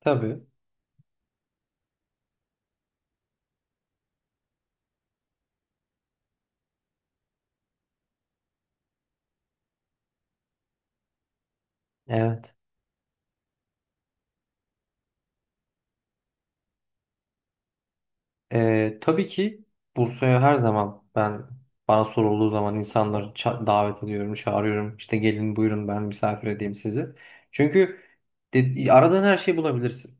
Tabii. Evet. Tabii ki Bursa'ya her zaman bana sorulduğu zaman insanları davet ediyorum, çağırıyorum. İşte gelin buyurun ben misafir edeyim sizi. Çünkü aradığın her şeyi bulabilirsin.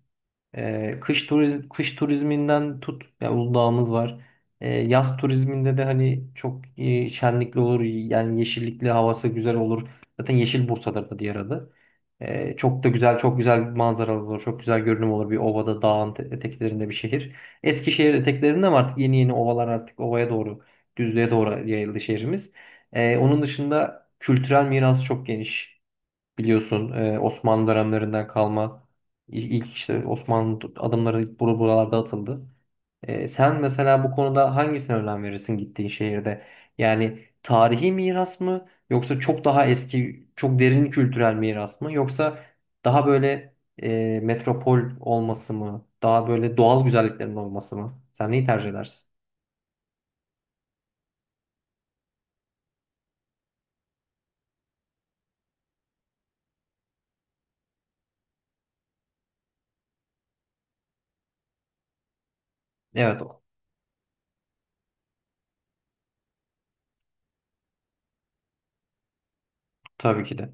Kış turizminden tut yani Uludağ'ımız var. Yaz turizminde de hani çok şenlikli olur. Yani yeşillikli havası güzel olur. Zaten Yeşil Bursa'dır da diğer adı. Çok da güzel, çok güzel bir manzara olur. Çok güzel görünüm olur. Bir ovada, dağın eteklerinde bir şehir. Eskişehir eteklerinde ama artık yeni yeni ovalar artık ovaya doğru, düzlüğe doğru yayıldı şehrimiz. Onun dışında kültürel mirası çok geniş. Biliyorsun Osmanlı dönemlerinden kalma ilk işte Osmanlı adımları buralarda atıldı. Sen mesela bu konuda hangisine önem verirsin gittiğin şehirde? Yani tarihi miras mı yoksa çok daha eski, çok derin kültürel miras mı yoksa daha böyle metropol olması mı? Daha böyle doğal güzelliklerin olması mı? Sen neyi tercih edersin? Evet, tabii ki de.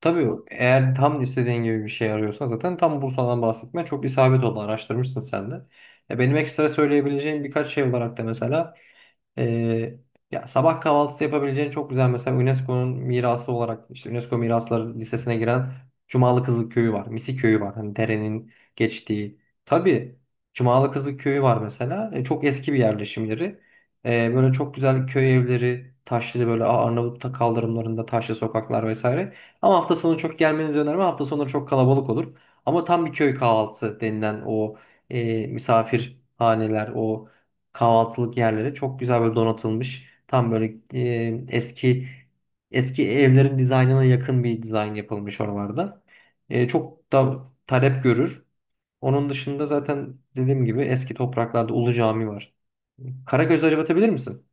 Tabii eğer tam istediğin gibi bir şey arıyorsan zaten tam Bursa'dan bahsetme çok isabet oldu, araştırmışsın sen de. Ya benim ekstra söyleyebileceğim birkaç şey olarak da mesela ee, ya sabah kahvaltısı yapabileceğin çok güzel mesela UNESCO'nun mirası olarak işte UNESCO Mirasları Listesi'ne giren Cumalı Kızıl Köyü var. Misi Köyü var. Hani derenin geçtiği. Tabii, Cumalı Kızıl Köyü var mesela. Çok eski bir yerleşim yeri. Böyle çok güzel köy evleri, taşlı böyle Arnavut'ta kaldırımlarında taşlı sokaklar vesaire. Ama hafta sonu çok gelmenizi önermem. Hafta sonları çok kalabalık olur. Ama tam bir köy kahvaltısı denilen o e, misafir o kahvaltılık yerleri çok güzel böyle donatılmış. Tam böyle eski eski evlerin dizaynına yakın bir dizayn yapılmış oralarda. Çok da talep görür. Onun dışında zaten dediğim gibi eski topraklarda Ulu Cami var. Karagöz'ü acıbatabilir misin?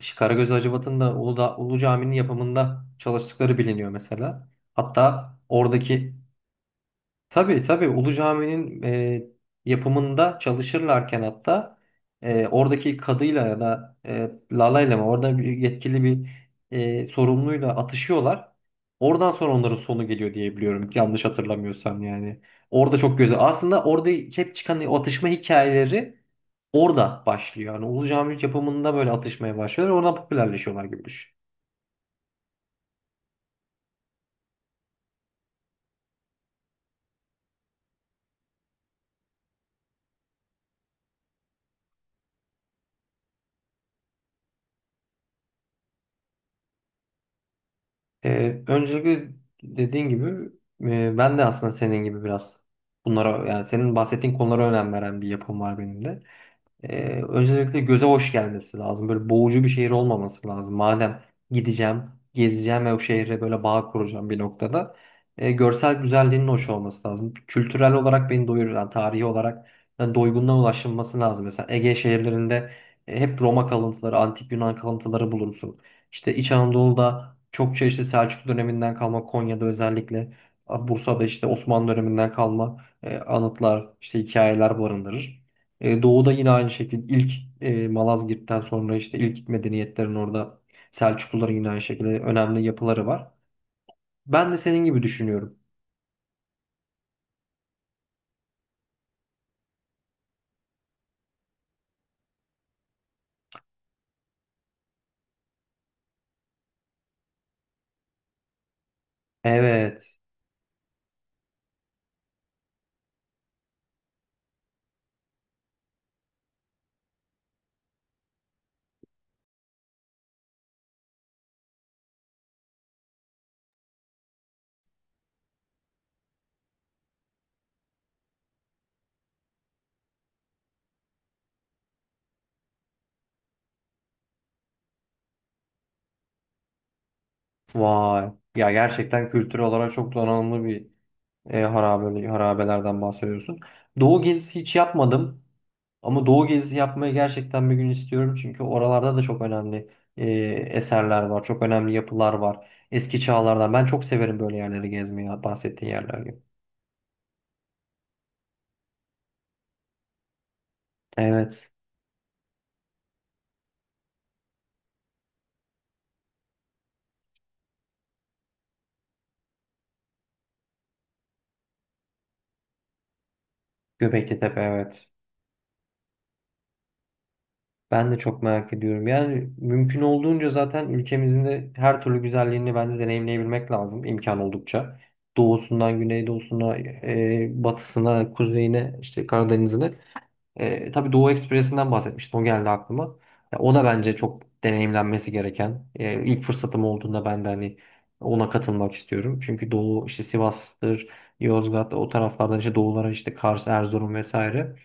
İşte Karagöz Hacivat'ın da Uludağ, Ulu Cami'nin yapımında çalıştıkları biliniyor mesela. Hatta oradaki Tabii, tabii, Ulu Cami'nin yapımında çalışırlarken hatta oradaki kadıyla ya da Lala'yla mı orada bir yetkili bir sorumluyla atışıyorlar. Oradan sonra onların sonu geliyor diye biliyorum, yanlış hatırlamıyorsam yani. Orada çok göze aslında orada hep çıkan o atışma hikayeleri orada başlıyor. Yani Ulu Cami yapımında böyle atışmaya başlıyorlar, oradan popülerleşiyorlar gibi düşün. Öncelikle dediğin gibi ben de aslında senin gibi biraz bunlara, yani senin bahsettiğin konulara önem veren bir yapım var benim de. Öncelikle göze hoş gelmesi lazım. Böyle boğucu bir şehir olmaması lazım. Madem gideceğim, gezeceğim ve o şehre böyle bağ kuracağım bir noktada. Görsel güzelliğinin hoş olması lazım. Kültürel olarak beni doyurur. Yani tarihi olarak, yani doygunluğa ulaşılması lazım. Mesela Ege şehirlerinde hep Roma kalıntıları, antik Yunan kalıntıları bulursun. İşte İç Anadolu'da çokça işte Selçuklu döneminden kalma, Konya'da özellikle, Bursa'da işte Osmanlı döneminden kalma anıtlar, işte hikayeler barındırır. Doğu'da yine aynı şekilde ilk Malazgirt'ten sonra işte ilk medeniyetlerin orada, Selçukluların yine aynı şekilde önemli yapıları var. Ben de senin gibi düşünüyorum. Evet. Vay. Ya gerçekten kültürel olarak çok donanımlı bir harabelerden bahsediyorsun. Doğu gezisi hiç yapmadım. Ama Doğu gezisi yapmayı gerçekten bir gün istiyorum. Çünkü oralarda da çok önemli e, eserler var. Çok önemli yapılar var. Eski çağlardan. Ben çok severim böyle yerleri gezmeyi, bahsettiğin yerler gibi. Evet. Göbeklitepe, evet. Ben de çok merak ediyorum. Yani mümkün olduğunca zaten ülkemizin de her türlü güzelliğini ben de deneyimleyebilmek lazım imkan oldukça. Doğusundan güneydoğusuna, batısına, kuzeyine, işte Karadeniz'ine. Tabii Doğu Ekspresi'nden bahsetmiştim. O geldi aklıma. Ya, o da bence çok deneyimlenmesi gereken. E, ilk fırsatım olduğunda ben de hani ona katılmak istiyorum. Çünkü Doğu işte Sivas'tır, Yozgat, o taraflardan işte Doğulara, işte Kars, Erzurum vesaire.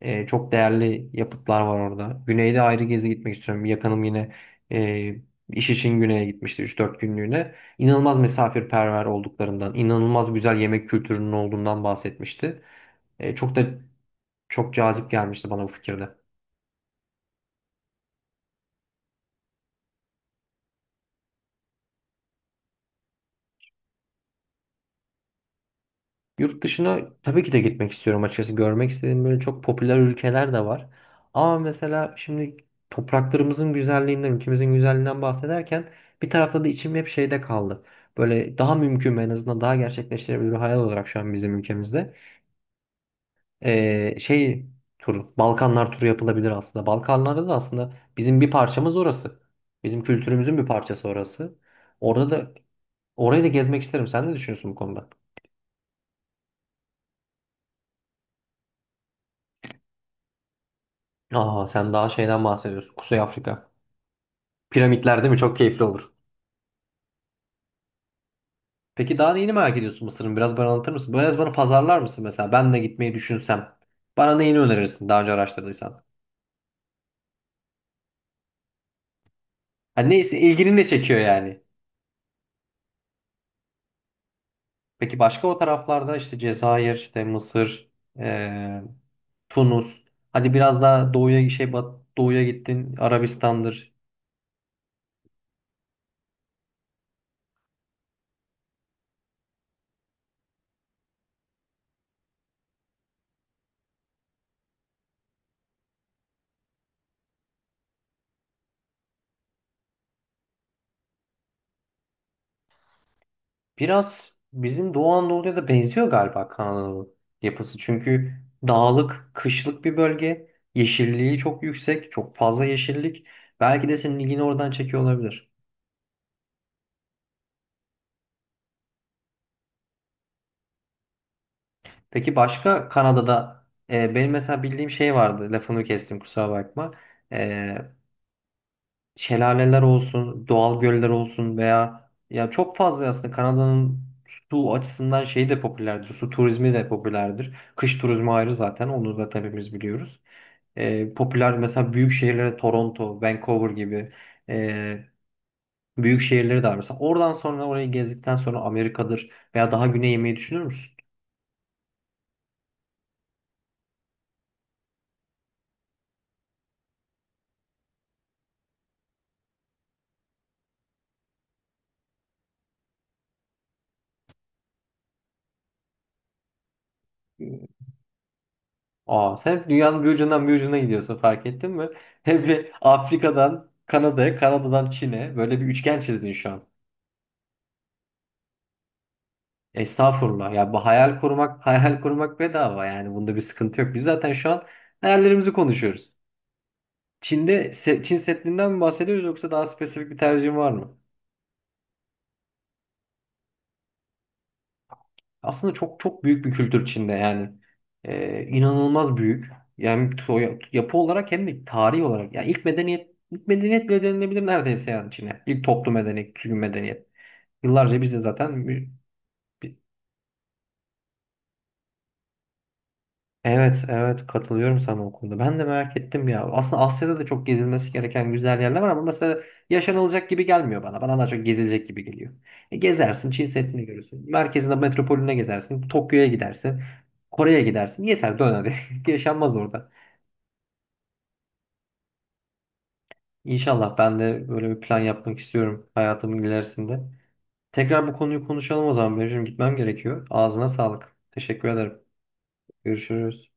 Çok değerli yapıtlar var orada. Güneyde ayrı gezi gitmek istiyorum. Bir yakınım yine e, iş için güneye gitmişti 3-4 günlüğüne. İnanılmaz misafirperver olduklarından, inanılmaz güzel yemek kültürünün olduğundan bahsetmişti. Çok da çok cazip gelmişti bana bu fikirde. Yurt dışına tabii ki de gitmek istiyorum açıkçası. Görmek istediğim böyle çok popüler ülkeler de var. Ama mesela şimdi topraklarımızın güzelliğinden, ülkemizin güzelliğinden bahsederken bir tarafta da içim hep şeyde kaldı. Böyle daha mümkün ve en azından daha gerçekleştirebilir hayal olarak şu an bizim ülkemizde. Ee, şey Balkanlar turu yapılabilir aslında. Balkanlarda da aslında bizim bir parçamız orası. Bizim kültürümüzün bir parçası orası. Orada da orayı da gezmek isterim. Sen ne düşünüyorsun bu konuda? Aa, sen daha şeyden bahsediyorsun. Kuzey Afrika. Piramitler değil mi? Çok keyifli olur. Peki daha neyini merak ediyorsun Mısır'ın? Biraz bana anlatır mısın? Biraz bana pazarlar mısın mesela? Ben de gitmeyi düşünsem. Bana neyini önerirsin daha önce araştırdıysan? Hani neyse ilgini ne çekiyor yani? Peki başka o taraflarda işte Cezayir, işte Mısır, eee, Tunus. Hadi biraz daha doğuya gittin. Arabistan'dır. Biraz bizim Doğu Anadolu'ya da benziyor galiba Kanada'nın yapısı. Çünkü dağlık, kışlık bir bölge. Yeşilliği çok yüksek, çok fazla yeşillik. Belki de senin ilgini oradan çekiyor olabilir. Peki başka Kanada'da benim mesela bildiğim şey vardı. Lafını kestim, kusura bakma. E, şelaleler olsun, doğal göller olsun veya ya çok fazla aslında Kanada'nın su açısından şey de popülerdir. Su turizmi de popülerdir. Kış turizmi ayrı zaten. Onu da hepimiz biliyoruz. Popüler mesela büyük şehirlere Toronto, Vancouver gibi e, büyük şehirleri de var. Mesela oradan sonra orayı gezdikten sonra Amerika'dır veya daha güneye yemeyi düşünür müsün? Aa, sen hep dünyanın bir ucundan bir ucuna gidiyorsun, fark ettin mi? Hep bir Afrika'dan Kanada'ya, Kanada'dan Çin'e böyle bir üçgen çizdin şu an. Estağfurullah. Ya bu hayal kurmak, hayal kurmak bedava yani. Bunda bir sıkıntı yok. Biz zaten şu an hayallerimizi konuşuyoruz. Çin Seddi'nden mi bahsediyoruz yoksa daha spesifik bir tercihim var mı? Aslında çok çok büyük bir kültür içinde yani. İnanılmaz büyük. Yani yapı olarak hem de tarih olarak. Yani ilk medeniyet bile denilebilir neredeyse yani Çin'e. İlk toplu medeniyet, düzgün medeniyet. Yıllarca biz de zaten. Evet, evet, katılıyorum sana o konuda. Ben de merak ettim ya. Aslında Asya'da da çok gezilmesi gereken güzel yerler var ama mesela yaşanılacak gibi gelmiyor bana. Bana daha çok gezilecek gibi geliyor. Gezersin, Çin Seddi'ni görürsün. Merkezinde metropolüne gezersin. Tokyo'ya gidersin. Kore'ye gidersin. Yeter dön hadi. Yaşanmaz orada. İnşallah ben de böyle bir plan yapmak istiyorum hayatımın ilerisinde. Tekrar bu konuyu konuşalım o zaman. Benim şimdi gitmem gerekiyor. Ağzına sağlık. Teşekkür ederim. Görüşürüz.